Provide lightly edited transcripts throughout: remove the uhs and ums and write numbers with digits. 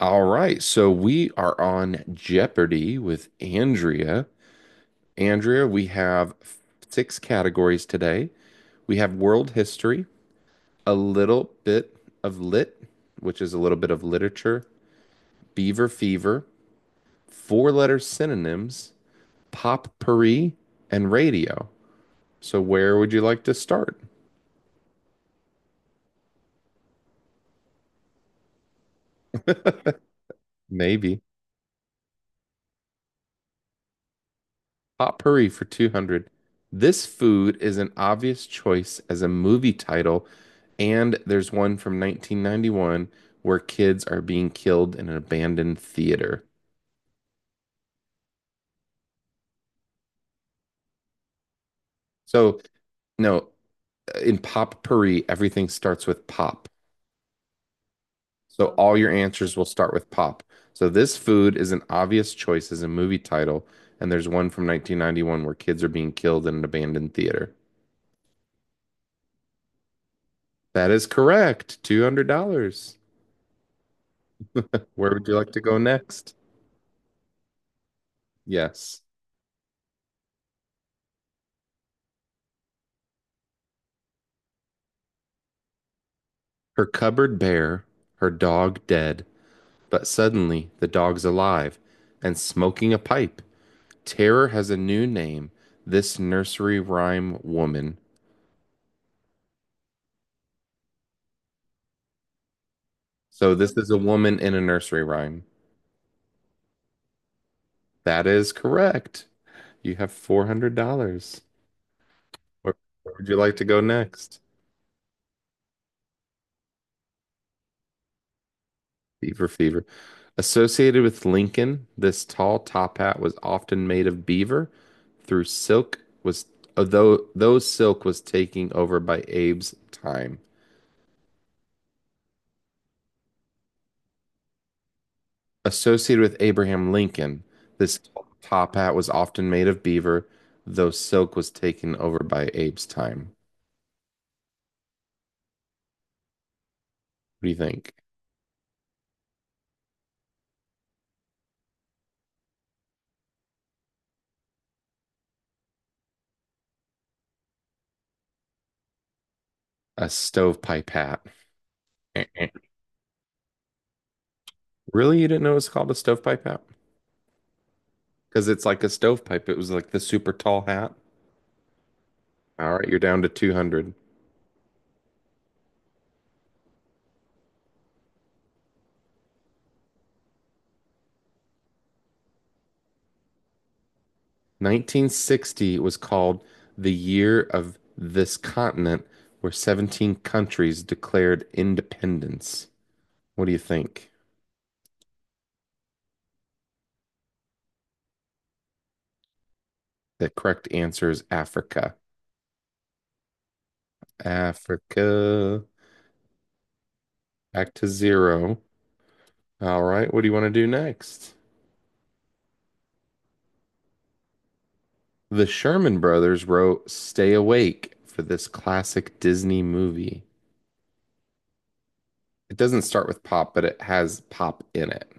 All right, so we are on Jeopardy with Andrea. Andrea, we have six categories today. We have world history, a little bit of lit, which is a little bit of literature, beaver fever, four-letter synonyms, potpourri, and radio. So where would you like to start? Maybe. Potpourri for 200. This food is an obvious choice as a movie title, and there's one from 1991 where kids are being killed in an abandoned theater. So, no, in potpourri, everything starts with pop. So, all your answers will start with pop. So, this food is an obvious choice as a movie title, and there's one from 1991 where kids are being killed in an abandoned theater. That is correct. $200. Where would you like to go next? Yes. Her cupboard bare, her dog dead, but suddenly the dog's alive and smoking a pipe. Terror has a new name, this nursery rhyme woman. So this is a woman in a nursery rhyme. That is correct. You have $400. Where, where would you like to go next? Fever, fever. Associated with Lincoln, this tall top hat was often made of beaver. Through silk was though silk was taking over by Abe's time. Associated with Abraham Lincoln, this top hat was often made of beaver, though silk was taken over by Abe's time. What do you think? A stovepipe hat. Really, you didn't know it was called a stovepipe hat? Because it's like a stovepipe. It was like the super tall hat. All right, you're down to 200. 1960 was called the year of this continent, where 17 countries declared independence. What do you think? The correct answer is Africa. Africa, back to zero. All right, what do you want to do next? The Sherman Brothers wrote Stay Awake for this classic Disney movie. It doesn't start with pop, but it has pop in it.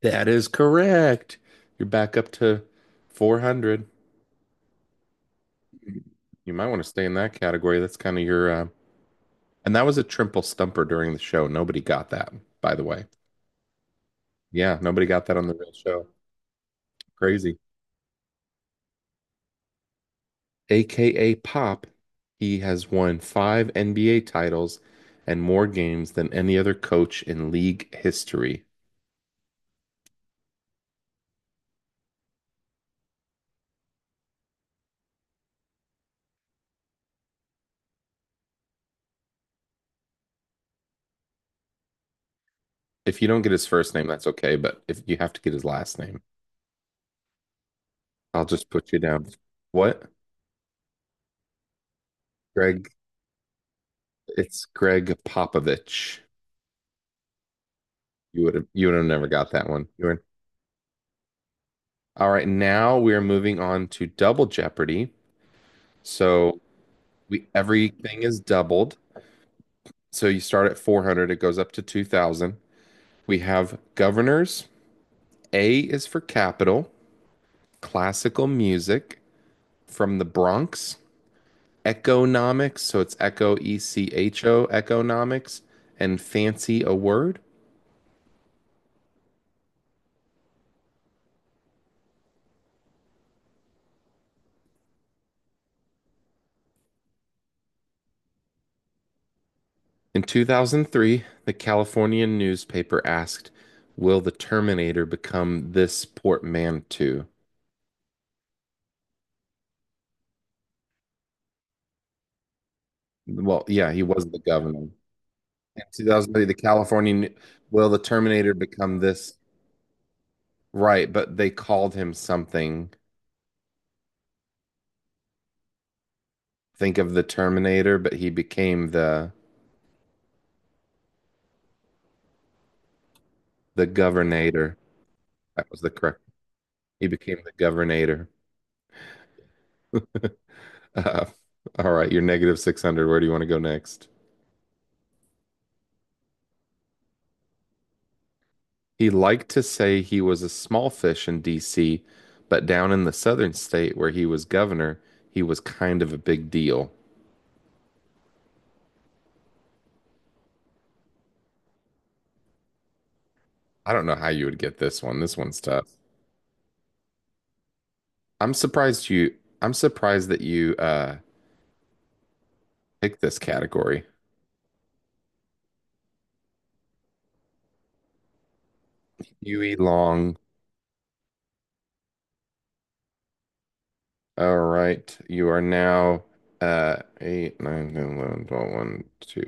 That is correct. You're back up to 400. You might want to stay in that category. That's kind of your, and that was a triple stumper during the show. Nobody got that, by the way. Yeah, nobody got that on the real show. Crazy. AKA Pop, he has won five NBA titles and more games than any other coach in league history. If you don't get his first name, that's okay, but if you have to get his last name, I'll just put you down. What? Greg, it's Greg Popovich. You would have never got that one. You were. All right, now we are moving on to Double Jeopardy. So we everything is doubled. So you start at 400, it goes up to 2000. We have governors. A is for capital, classical music from the Bronx, economics, so it's echo E C H O economics and fancy a word. In 2003, the Californian newspaper asked, "Will the Terminator become this portmanteau?" Well, yeah, he was the governor. In 2003, the California, will the Terminator become this? Right, but they called him something. Think of the Terminator, but he became the Governator. That was the correct. He became the Governator. Uh, all right, you're negative 600. Where do you want to go next? He liked to say he was a small fish in DC, but down in the southern state where he was governor, he was kind of a big deal. I don't know how you would get this one. This one's tough. I'm surprised you I'm surprised that you picked this category. Huey Long. All right. You are now eight, nine, 10, 11, 12, one, 2,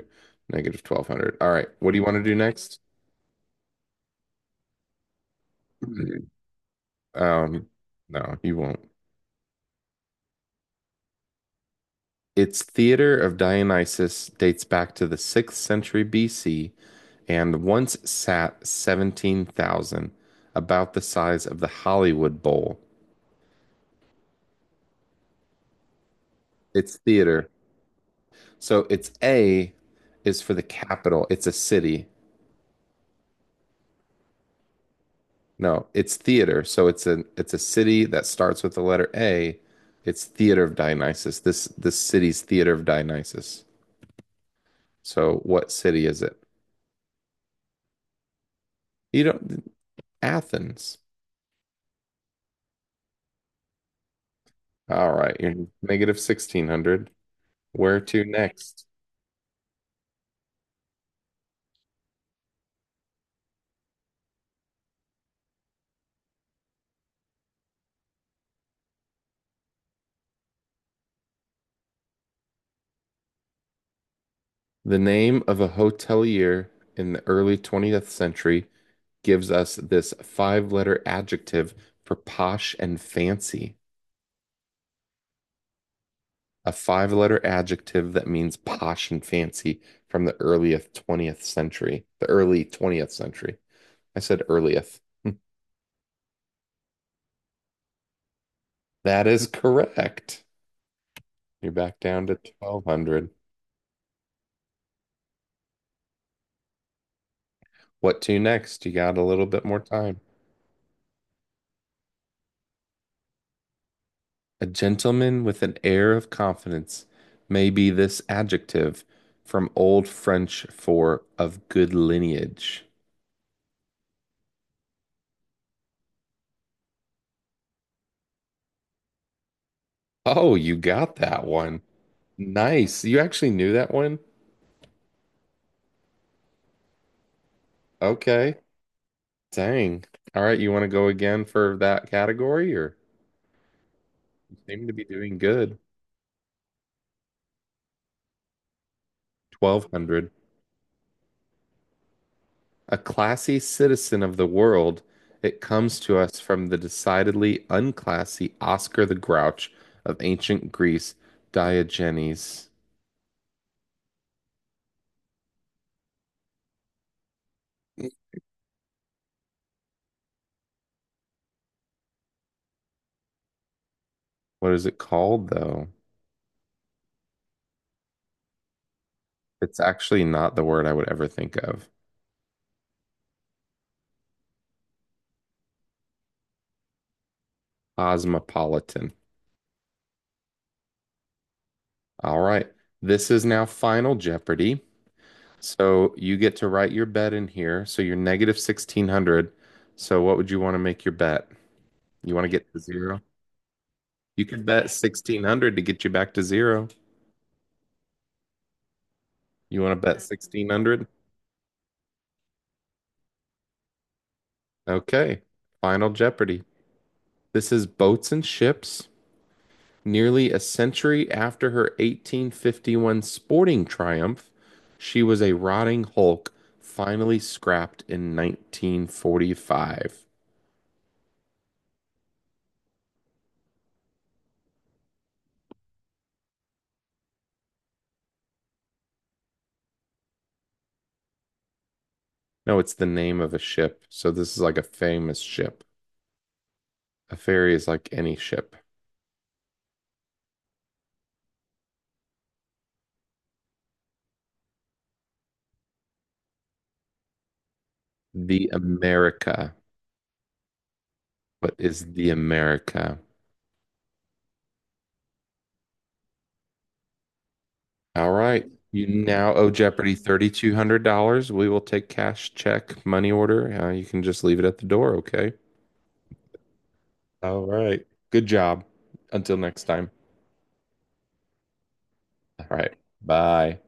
negative 1200. All right. What do you want to do next? Um, no, you won't. Its theater of Dionysus dates back to the 6th century BC and once sat 17,000, about the size of the Hollywood Bowl. Its theater So it's A is for the capital. It's a city. No, it's theater. So it's a city that starts with the letter A. It's Theater of Dionysus. This city's Theater of Dionysus. So what city is it? You don't Athens. All right, you're negative 1600. Where to next? The name of a hotelier in the early 20th century gives us this five-letter adjective for posh and fancy. A five letter adjective that means posh and fancy from the earliest 20th century, the early 20th century. I said earliest. That is correct. You're back down to 1200. What to next? You got a little bit more time. A gentleman with an air of confidence may be this adjective from Old French for of good lineage. Oh, you got that one. Nice. You actually knew that one? Okay. Dang. All right, you want to go again for that category, or you seem to be doing good. 1200. A classy citizen of the world, it comes to us from the decidedly unclassy Oscar the Grouch of ancient Greece, Diogenes. What is it called, though? It's actually not the word I would ever think of. Cosmopolitan. All right. This is now Final Jeopardy. So you get to write your bet in here. So you're negative 1600. So what would you want to make your bet? You want to get to zero? You could bet 1600 to get you back to zero. You want to bet 1600? Okay. Final Jeopardy. This is Boats and Ships. Nearly a century after her 1851 sporting triumph, she was a rotting hulk, finally scrapped in 1945. No, it's the name of a ship. So this is like a famous ship. A ferry is like any ship. The America. What is the America? All right. You now owe Jeopardy $3,200. We will take cash, check, money order. You can just leave it at the door, okay? All right. Good job. Until next time. All right. Bye.